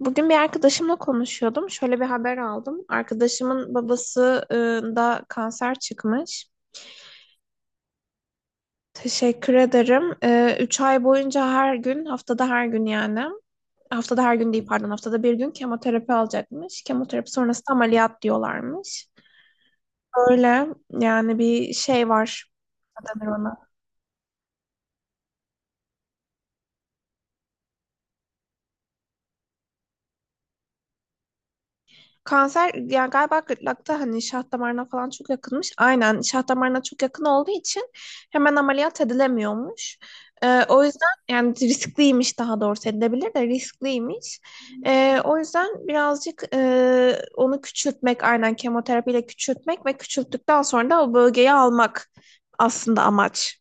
Bugün bir arkadaşımla konuşuyordum. Şöyle bir haber aldım. Arkadaşımın babası da kanser çıkmış. Teşekkür ederim. Üç ay boyunca her gün, haftada her gün yani. Haftada her gün değil, pardon, haftada bir gün kemoterapi alacakmış. Kemoterapi sonrası da ameliyat diyorlarmış. Öyle yani, bir şey var. Ne denir ona? Kanser yani, galiba gırtlakta hani şah damarına falan çok yakınmış. Aynen şah damarına çok yakın olduğu için hemen ameliyat edilemiyormuş. O yüzden yani riskliymiş, daha doğrusu edilebilir de riskliymiş. O yüzden birazcık onu küçültmek, aynen kemoterapiyle küçültmek ve küçülttükten sonra da o bölgeyi almak aslında amaç.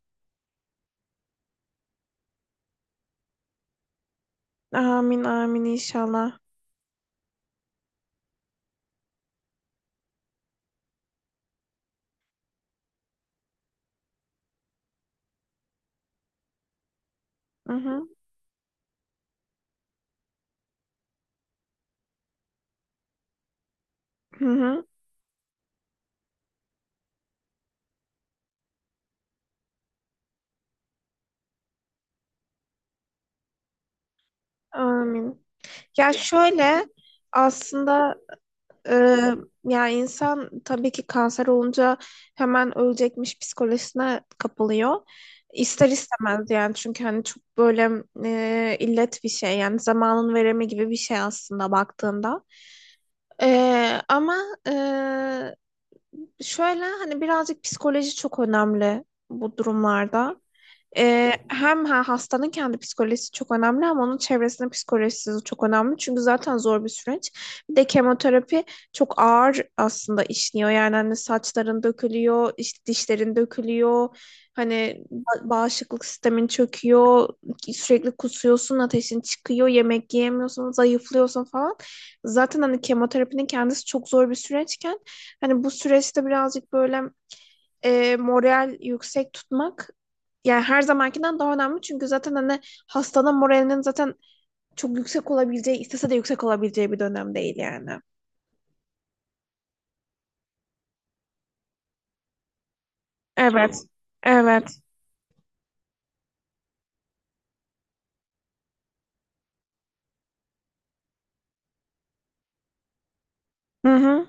Amin amin inşallah. Hı hı, hı hı, amin. Ya şöyle aslında. Ee, Yani insan tabii ki kanser olunca hemen ölecekmiş psikolojisine kapılıyor. İster istemez yani, çünkü hani çok böyle illet bir şey, yani zamanın veremi gibi bir şey aslında baktığında. Ama şöyle hani birazcık psikoloji çok önemli bu durumlarda. Hem hastanın kendi psikolojisi çok önemli ama onun çevresinin psikolojisi de çok önemli. Çünkü zaten zor bir süreç. Bir de kemoterapi çok ağır aslında işliyor. Yani hani saçların dökülüyor, işte dişlerin dökülüyor. Hani bağışıklık sistemin çöküyor. Sürekli kusuyorsun, ateşin çıkıyor, yemek yiyemiyorsun, zayıflıyorsun falan. Zaten hani kemoterapinin kendisi çok zor bir süreçken, hani bu süreçte birazcık böyle moral yüksek tutmak yani her zamankinden daha önemli. Çünkü zaten hani hastanın moralinin zaten çok yüksek olabileceği, istese de yüksek olabileceği bir dönem değil yani. Evet. Evet. Hı hı.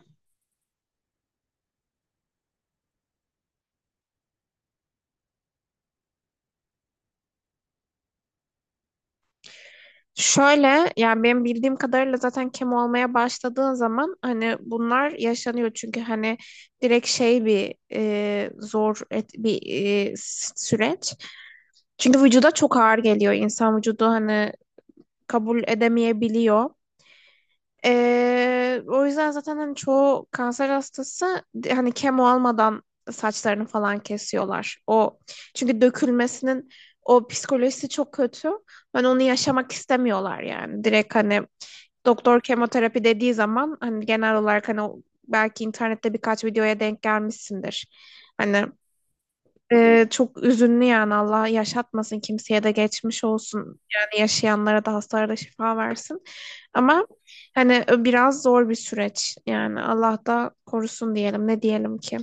Şöyle yani benim bildiğim kadarıyla zaten kemo olmaya başladığın zaman hani bunlar yaşanıyor, çünkü hani direkt şey bir zor et, bir süreç. Çünkü vücuda çok ağır geliyor. İnsan vücudu hani kabul edemeyebiliyor. O yüzden zaten hani çoğu kanser hastası hani kemo almadan saçlarını falan kesiyorlar. O, çünkü dökülmesinin o psikolojisi çok kötü. Ben onu yaşamak istemiyorlar yani. Direkt hani doktor kemoterapi dediği zaman hani genel olarak hani belki internette birkaç videoya denk gelmişsindir. Hani çok üzünlü yani, Allah yaşatmasın kimseye, de geçmiş olsun yani, yaşayanlara da hastalara da şifa versin ama hani biraz zor bir süreç yani, Allah da korusun diyelim, ne diyelim ki.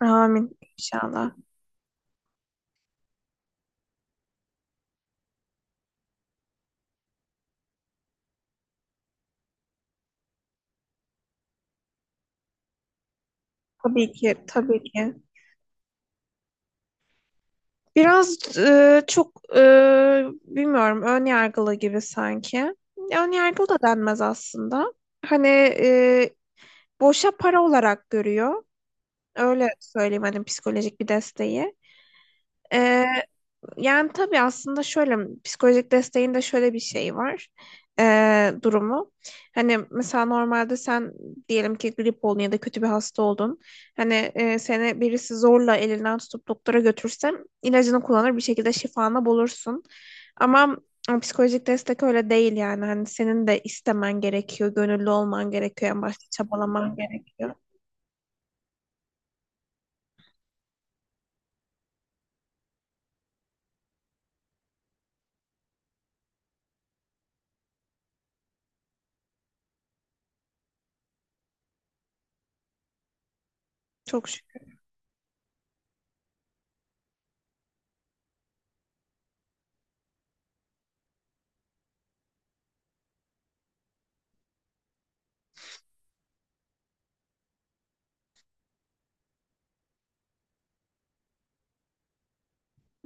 Amin inşallah. Tabii ki, tabii ki, biraz çok bilmiyorum, ön yargılı gibi sanki. Ön yargılı da denmez aslında. Hani boşa para olarak görüyor. Öyle söyleyeyim hani, psikolojik bir desteği. Ee, Yani tabii aslında şöyle, psikolojik desteğin de şöyle bir şey var, durumu. Hani mesela normalde sen diyelim ki grip oldun ya da kötü bir hasta oldun. Hani seni birisi zorla elinden tutup doktora götürsem, ilacını kullanır, bir şekilde şifanı bulursun. Ama psikolojik destek öyle değil yani. Hani senin de istemen gerekiyor, gönüllü olman gerekiyor, en başta çabalaman gerekiyor. Çok şükür.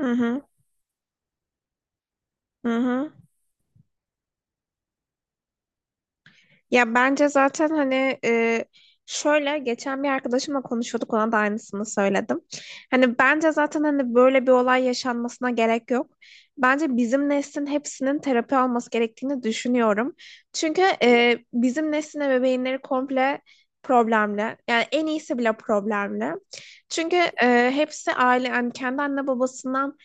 Hı hı. Hı hı. Ya bence zaten hani şöyle geçen bir arkadaşımla konuşuyorduk, ona da aynısını söyledim. Hani bence zaten hani böyle bir olay yaşanmasına gerek yok. Bence bizim neslin hepsinin terapi alması gerektiğini düşünüyorum. Çünkü bizim neslin ebeveynleri komple problemli. Yani en iyisi bile problemli. Çünkü hepsi aile, yani kendi anne babasından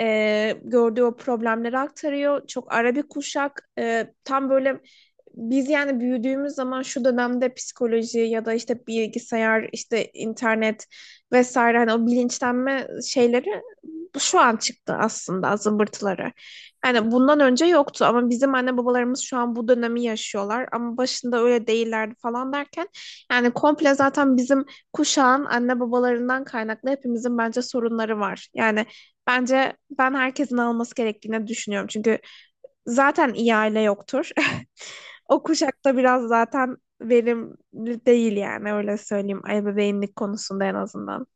gördüğü o problemleri aktarıyor. Çok ara bir kuşak, tam böyle biz yani büyüdüğümüz zaman şu dönemde psikoloji ya da işte bilgisayar, işte internet vesaire, hani o bilinçlenme şeyleri şu an çıktı aslında zımbırtıları. Yani bundan önce yoktu ama bizim anne babalarımız şu an bu dönemi yaşıyorlar, ama başında öyle değillerdi falan derken yani komple zaten bizim kuşağın anne babalarından kaynaklı hepimizin bence sorunları var. Yani bence ben herkesin alması gerektiğini düşünüyorum. Çünkü zaten iyi aile yoktur. O kuşakta biraz zaten verimli değil yani, öyle söyleyeyim, ebeveynlik konusunda en azından.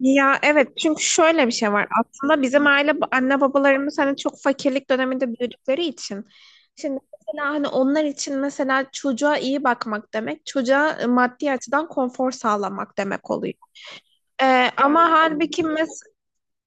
Ya evet, çünkü şöyle bir şey var. Aslında bizim aile, anne babalarımız hani çok fakirlik döneminde büyüdükleri için. Şimdi mesela hani onlar için mesela çocuğa iyi bakmak demek, çocuğa maddi açıdan konfor sağlamak demek oluyor. Ama halbuki mesela.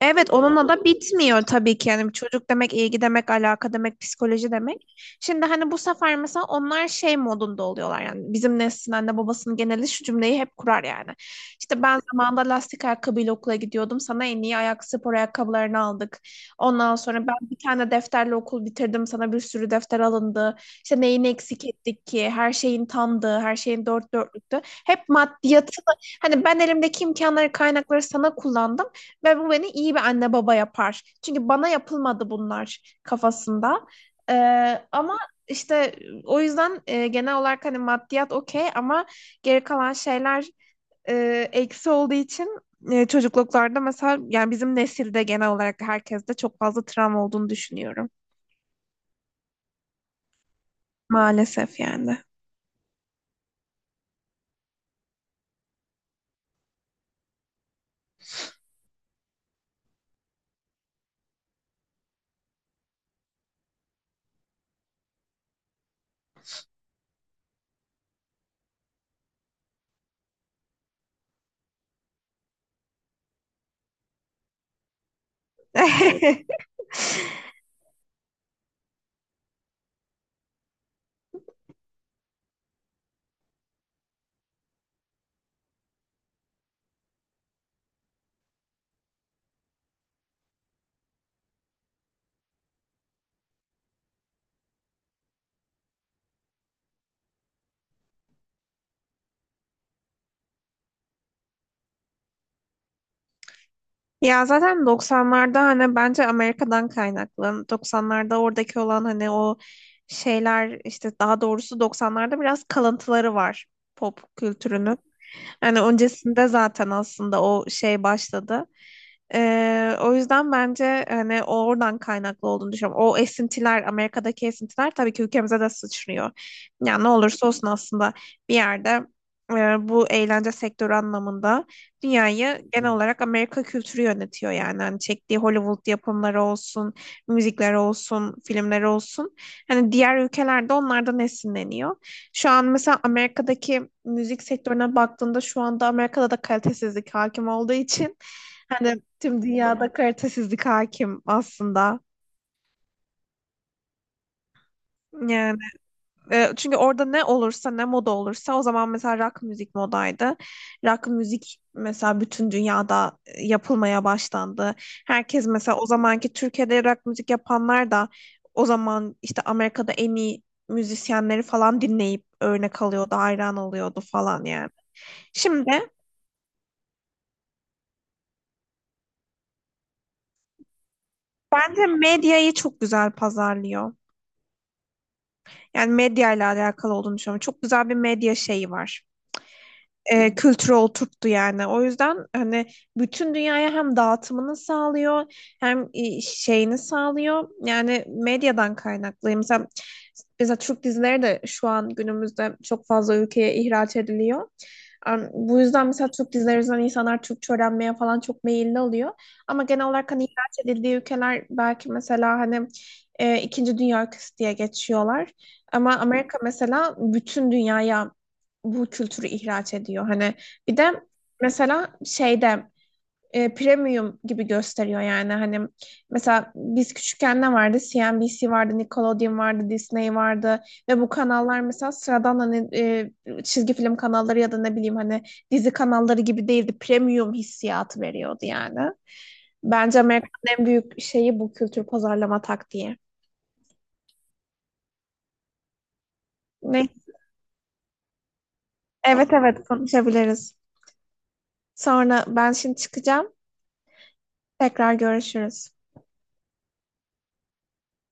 Evet, onunla da bitmiyor tabii ki. Yani çocuk demek, ilgi demek, alaka demek, psikoloji demek. Şimdi hani bu sefer mesela onlar şey modunda oluyorlar yani. Bizim neslin anne babasının geneli şu cümleyi hep kurar yani: İşte ben zamanında lastik ayakkabıyla okula gidiyordum, sana en iyi ayak spor ayakkabılarını aldık. Ondan sonra ben bir tane defterle okul bitirdim, sana bir sürü defter alındı. İşte neyini eksik ettik ki? Her şeyin tamdı, her şeyin dört dörtlüktü. Hep maddiyatı. Hani ben elimdeki imkanları, kaynakları sana kullandım. Ve bu beni iyi bir anne baba yapar. Çünkü bana yapılmadı bunlar kafasında. Ama işte o yüzden genel olarak hani maddiyat okey ama geri kalan şeyler eksi olduğu için çocukluklarda mesela, yani bizim nesilde genel olarak herkeste çok fazla travma olduğunu düşünüyorum. Maalesef yani. Ya zaten 90'larda hani bence Amerika'dan kaynaklı. 90'larda oradaki olan hani o şeyler, işte daha doğrusu 90'larda biraz kalıntıları var pop kültürünün. Yani öncesinde zaten aslında o şey başladı. O yüzden bence hani o oradan kaynaklı olduğunu düşünüyorum. O esintiler, Amerika'daki esintiler tabii ki ülkemize de sıçrıyor. Yani ne olursa olsun aslında bir yerde bu eğlence sektörü anlamında dünyayı genel olarak Amerika kültürü yönetiyor yani. Hani çektiği Hollywood yapımları olsun, müzikleri olsun, filmleri olsun. Hani diğer ülkelerde onlardan esinleniyor. Şu an mesela Amerika'daki müzik sektörüne baktığında, şu anda Amerika'da da kalitesizlik hakim olduğu için hani tüm dünyada kalitesizlik hakim aslında. Yani çünkü orada ne olursa, ne moda olursa, o zaman mesela rock müzik modaydı. Rock müzik mesela bütün dünyada yapılmaya başlandı. Herkes mesela, o zamanki Türkiye'de rock müzik yapanlar da o zaman işte Amerika'da en iyi müzisyenleri falan dinleyip örnek alıyordu, hayran oluyordu falan yani. Şimdi bence medyayı çok güzel pazarlıyor. Yani medya ile alakalı olduğunu düşünüyorum. Çok güzel bir medya şeyi var. Kültürü oturttu yani. O yüzden hani bütün dünyaya hem dağıtımını sağlıyor hem şeyini sağlıyor. Yani medyadan kaynaklı. Mesela Türk dizileri de şu an günümüzde çok fazla ülkeye ihraç ediliyor. Bu yüzden mesela Türk dizileri yüzünden insanlar Türkçe öğrenmeye falan çok meyilli oluyor. Ama genel olarak hani ihraç edildiği ülkeler belki mesela hani ikinci dünya ülkesi diye geçiyorlar. Ama Amerika mesela bütün dünyaya bu kültürü ihraç ediyor. Hani bir de mesela şeyde premium gibi gösteriyor yani, hani mesela biz küçükken ne vardı? CNBC vardı, Nickelodeon vardı, Disney vardı ve bu kanallar mesela sıradan hani çizgi film kanalları ya da ne bileyim hani dizi kanalları gibi değildi. Premium hissiyatı veriyordu yani. Bence Amerika'nın en büyük şeyi bu kültür pazarlama taktiği. Ne? Evet evet, konuşabiliriz. Sonra ben şimdi çıkacağım. Tekrar görüşürüz.